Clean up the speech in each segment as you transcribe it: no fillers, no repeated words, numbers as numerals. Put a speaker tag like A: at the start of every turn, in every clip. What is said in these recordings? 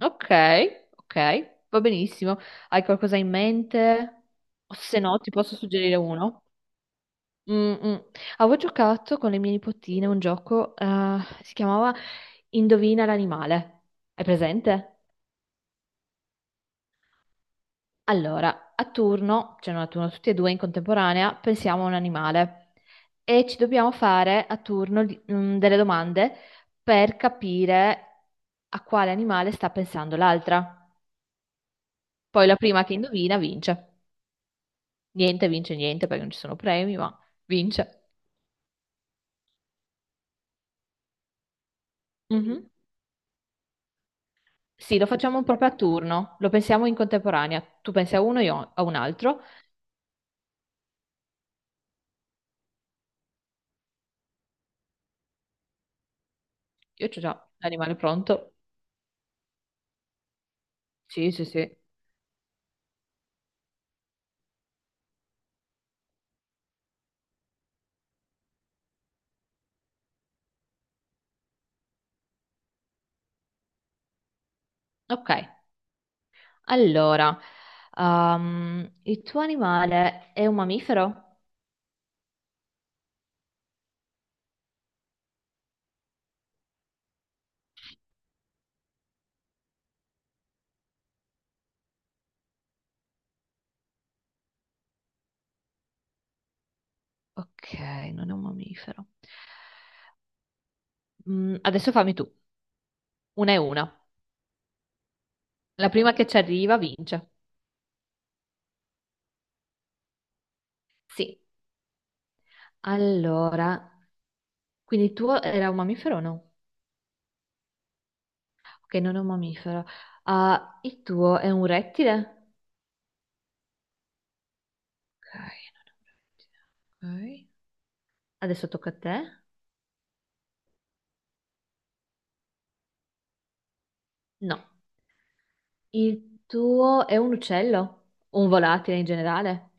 A: Ok, ok, va benissimo. Hai qualcosa in mente? O se no, ti posso suggerire uno. Mm, mm. Avevo giocato con le mie nipotine un gioco, si chiamava Indovina l'animale. Hai presente? Allora, a turno, cioè non a turno, tutti e due in contemporanea, pensiamo a un animale e ci dobbiamo fare a turno delle domande per capire a quale animale sta pensando l'altra. Poi la prima che indovina vince. Niente, vince niente perché non ci sono premi, ma vince. Mhm. Sì, lo facciamo proprio a turno, lo pensiamo in contemporanea. Tu pensi a uno, io a un altro. Io c'ho già l'animale pronto. Sì, sì, sì. Ok, allora, il tuo animale è un mammifero? Ok, non è un mammifero. Mm, adesso fammi tu, una e una. La prima che ci arriva vince. Sì, allora, quindi il tuo era un mammifero o no? Che non è un mammifero. Ah, il tuo è un rettile? Ok, non è un rettile. Ok. Adesso tocca a te. No. Il tuo è un uccello? O un volatile in generale?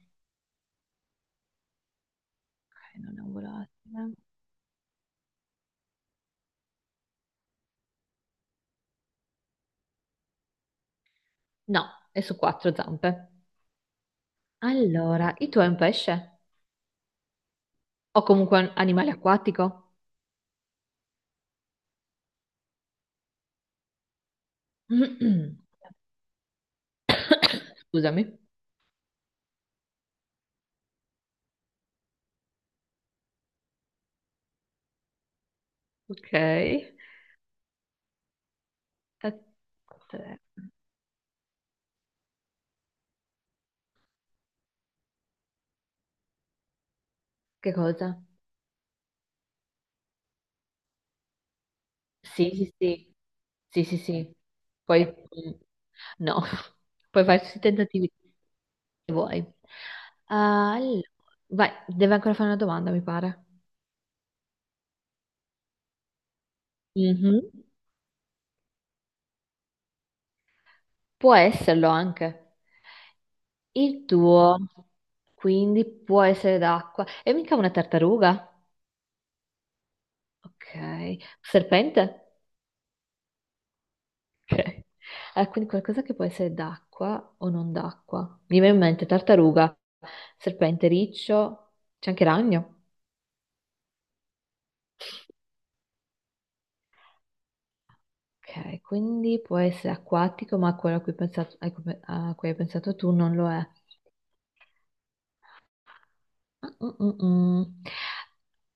A: Ok, non è un volatile. No, è su quattro zampe. Allora, il tuo è un pesce? O comunque un animale acquatico? Scusami. Ok. Che cosa? Sì, sì, sì, sì, sì, sì. Poi no, puoi fare tutti i tentativi che vuoi. Ah, allora, vai, deve ancora fare una domanda, mi pare. Mhm. Può esserlo anche. Il tuo, quindi può essere d'acqua. E mica una tartaruga? Ok. Serpente? Ok. Ah, quindi qualcosa che può essere d'acqua o non d'acqua. Mi viene in mente tartaruga, serpente, riccio, c'è anche ragno. Ok, quindi può essere acquatico, ma quello a cui, pensato- a cui hai pensato tu non lo è. Mm, mm, mm.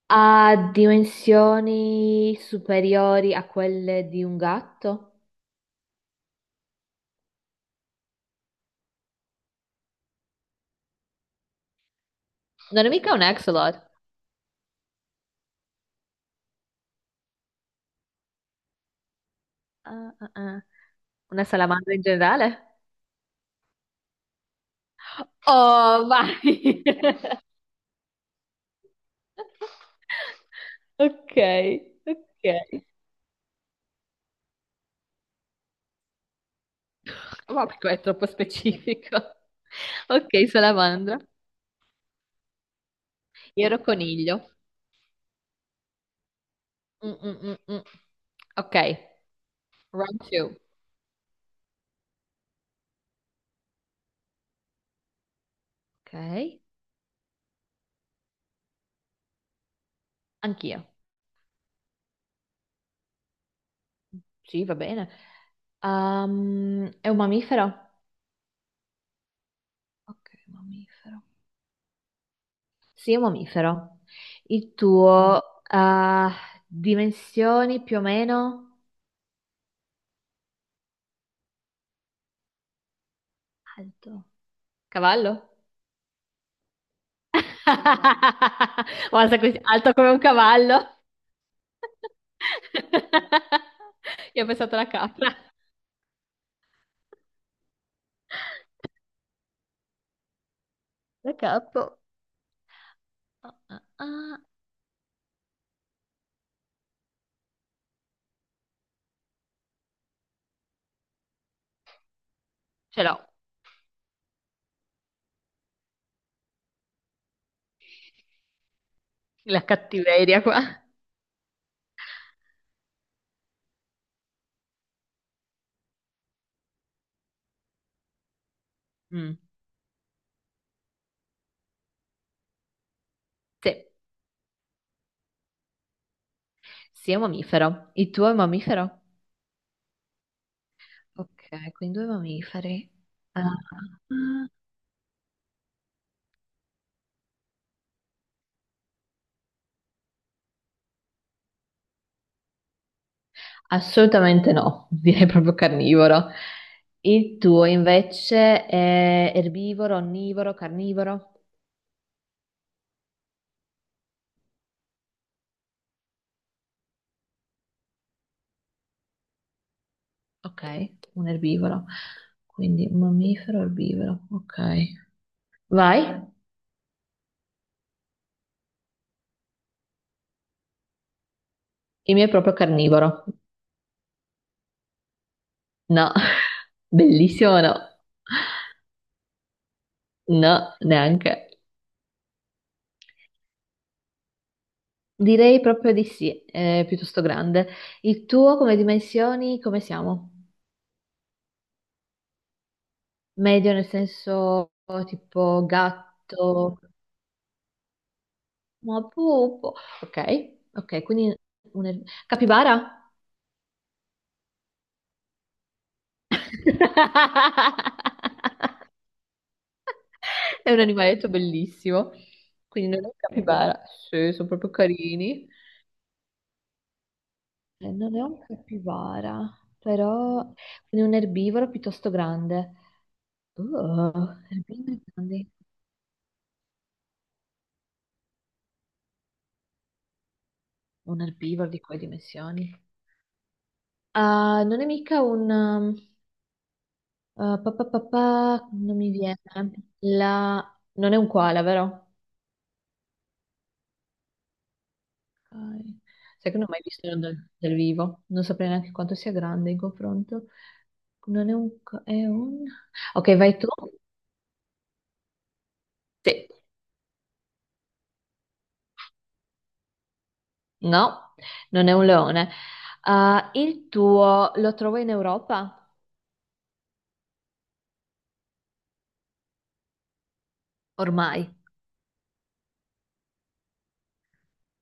A: Ha dimensioni superiori a quelle di un gatto? Non è mica un axolot. Ah, ah, ah. Una salamandra in generale? Oh, vai! Ok, ok. Vabbè, qua è troppo specifico. Ok, salamandra. Io ero coniglio. Mm, mm, mm, mm. Ok, round two. Ok, anch'io. Sì, va bene. È un mammifero? Ok, mammifero. Sì, è un mammifero. Il tuo, dimensioni più o meno? Alto. Cavallo? No, guarda, così, alto come un cavallo. Io ho pensato alla capra. La capo. Ah, ah, ah. Ce l'ho, la cattiveria qua. Mm, sì, sì, è un mammifero. Il tuo è un mammifero? Ok, quindi due mammiferi. Ah, assolutamente no, direi proprio carnivoro. Il tuo invece è erbivoro, onnivoro, carnivoro? Ok, un erbivoro. Quindi un mammifero, erbivoro. Ok. Vai. Il mio è proprio carnivoro. No, bellissimo, no. No, neanche. Direi proprio di sì, è piuttosto grande. Il tuo come dimensioni, come siamo? Medio nel senso tipo gatto, ma pupo. Ok, ok, quindi un... er-, capibara? È un animaletto bellissimo. Quindi non è un capibara. Sì, sono proprio carini. Non è un capibara, però quindi un erbivoro piuttosto grande. Oh, erbivori grandi. Un erbivoro di quelle dimensioni? Ah, non è mica un... ah, pa, pa, pa, pa, non mi viene. La... Non è un koala, vero? Ok. Sai che non ho mai visto dal vivo. Non saprei neanche quanto sia grande in confronto. Non è un... co- È un... Ok, vai tu. Sì. No, non è un leone. Ah, il tuo lo trovo in Europa? Ormai.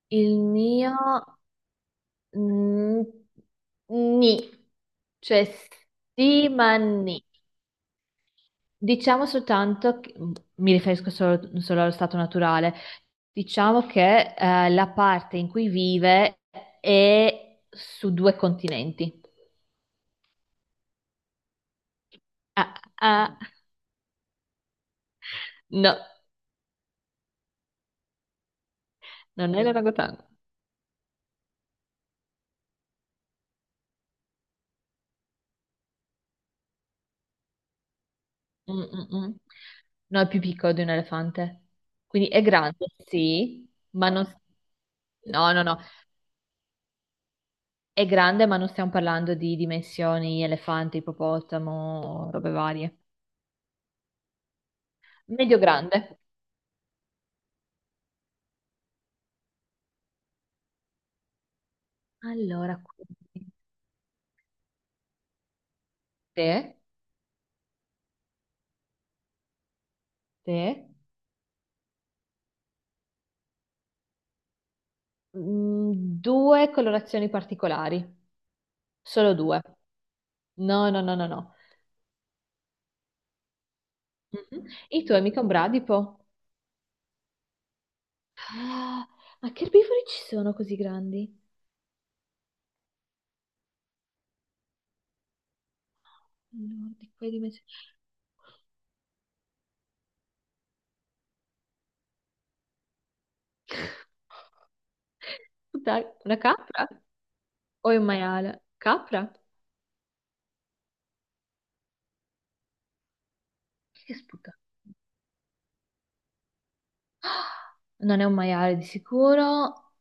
A: Il mio... Mm, ni, cioè sì, ma ni. Diciamo soltanto, che- mi riferisco solo allo stato naturale, diciamo che la parte in cui vive è su due continenti. Ah, ah, no, non è l'orangotango. Mm, mm, mm. No, è più piccolo di un elefante. Quindi è grande, sì, ma non... No, no, no. È grande, ma non stiamo parlando di dimensioni elefante, ippopotamo, robe varie. Medio grande. Allora, quindi te, te, mm, due colorazioni particolari, solo due. No, no, no, no, no. Mhm. Il tuo è mica un bradipo? Ah, ma che erbivori ci sono così grandi? Allora, di quelle dimensioni. Dai, una capra? O è un maiale? Capra? Chi è che sputa? Non è un maiale di sicuro,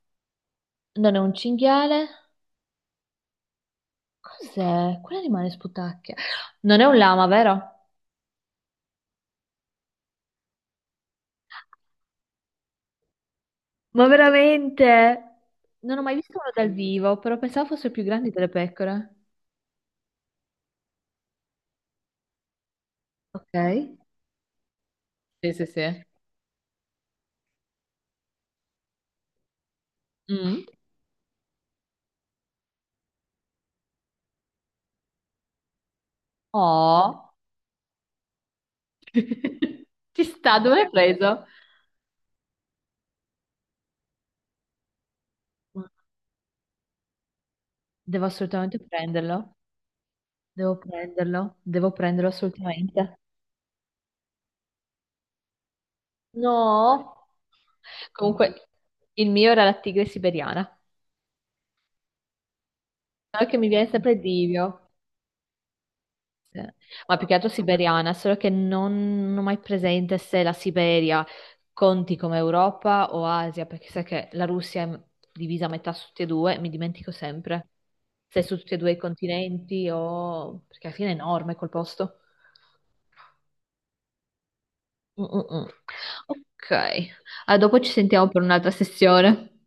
A: non è un cinghiale. Cos'è? Quale rimane sputacchia? Non è un lama, vero? Ma veramente? Non ho mai visto uno dal vivo, però pensavo fosse più grande delle pecore. Ok. Sì, sì, sì. Mm. Oh, ci sta, dove l'hai preso? Devo assolutamente prenderlo. Devo prenderlo, devo prenderlo assolutamente. No. Comunque, il mio era la tigre siberiana. No, che mi viene sempre Divio, sì, ma più che altro siberiana, solo che non ho mai presente se la Siberia conti come Europa o Asia, perché sai che la Russia è divisa a metà su tutti e due, mi dimentico sempre se è su tutti e due i continenti o... perché alla fine è enorme quel posto. Mm, mm, mm. Ok, ah, dopo ci sentiamo per un'altra sessione.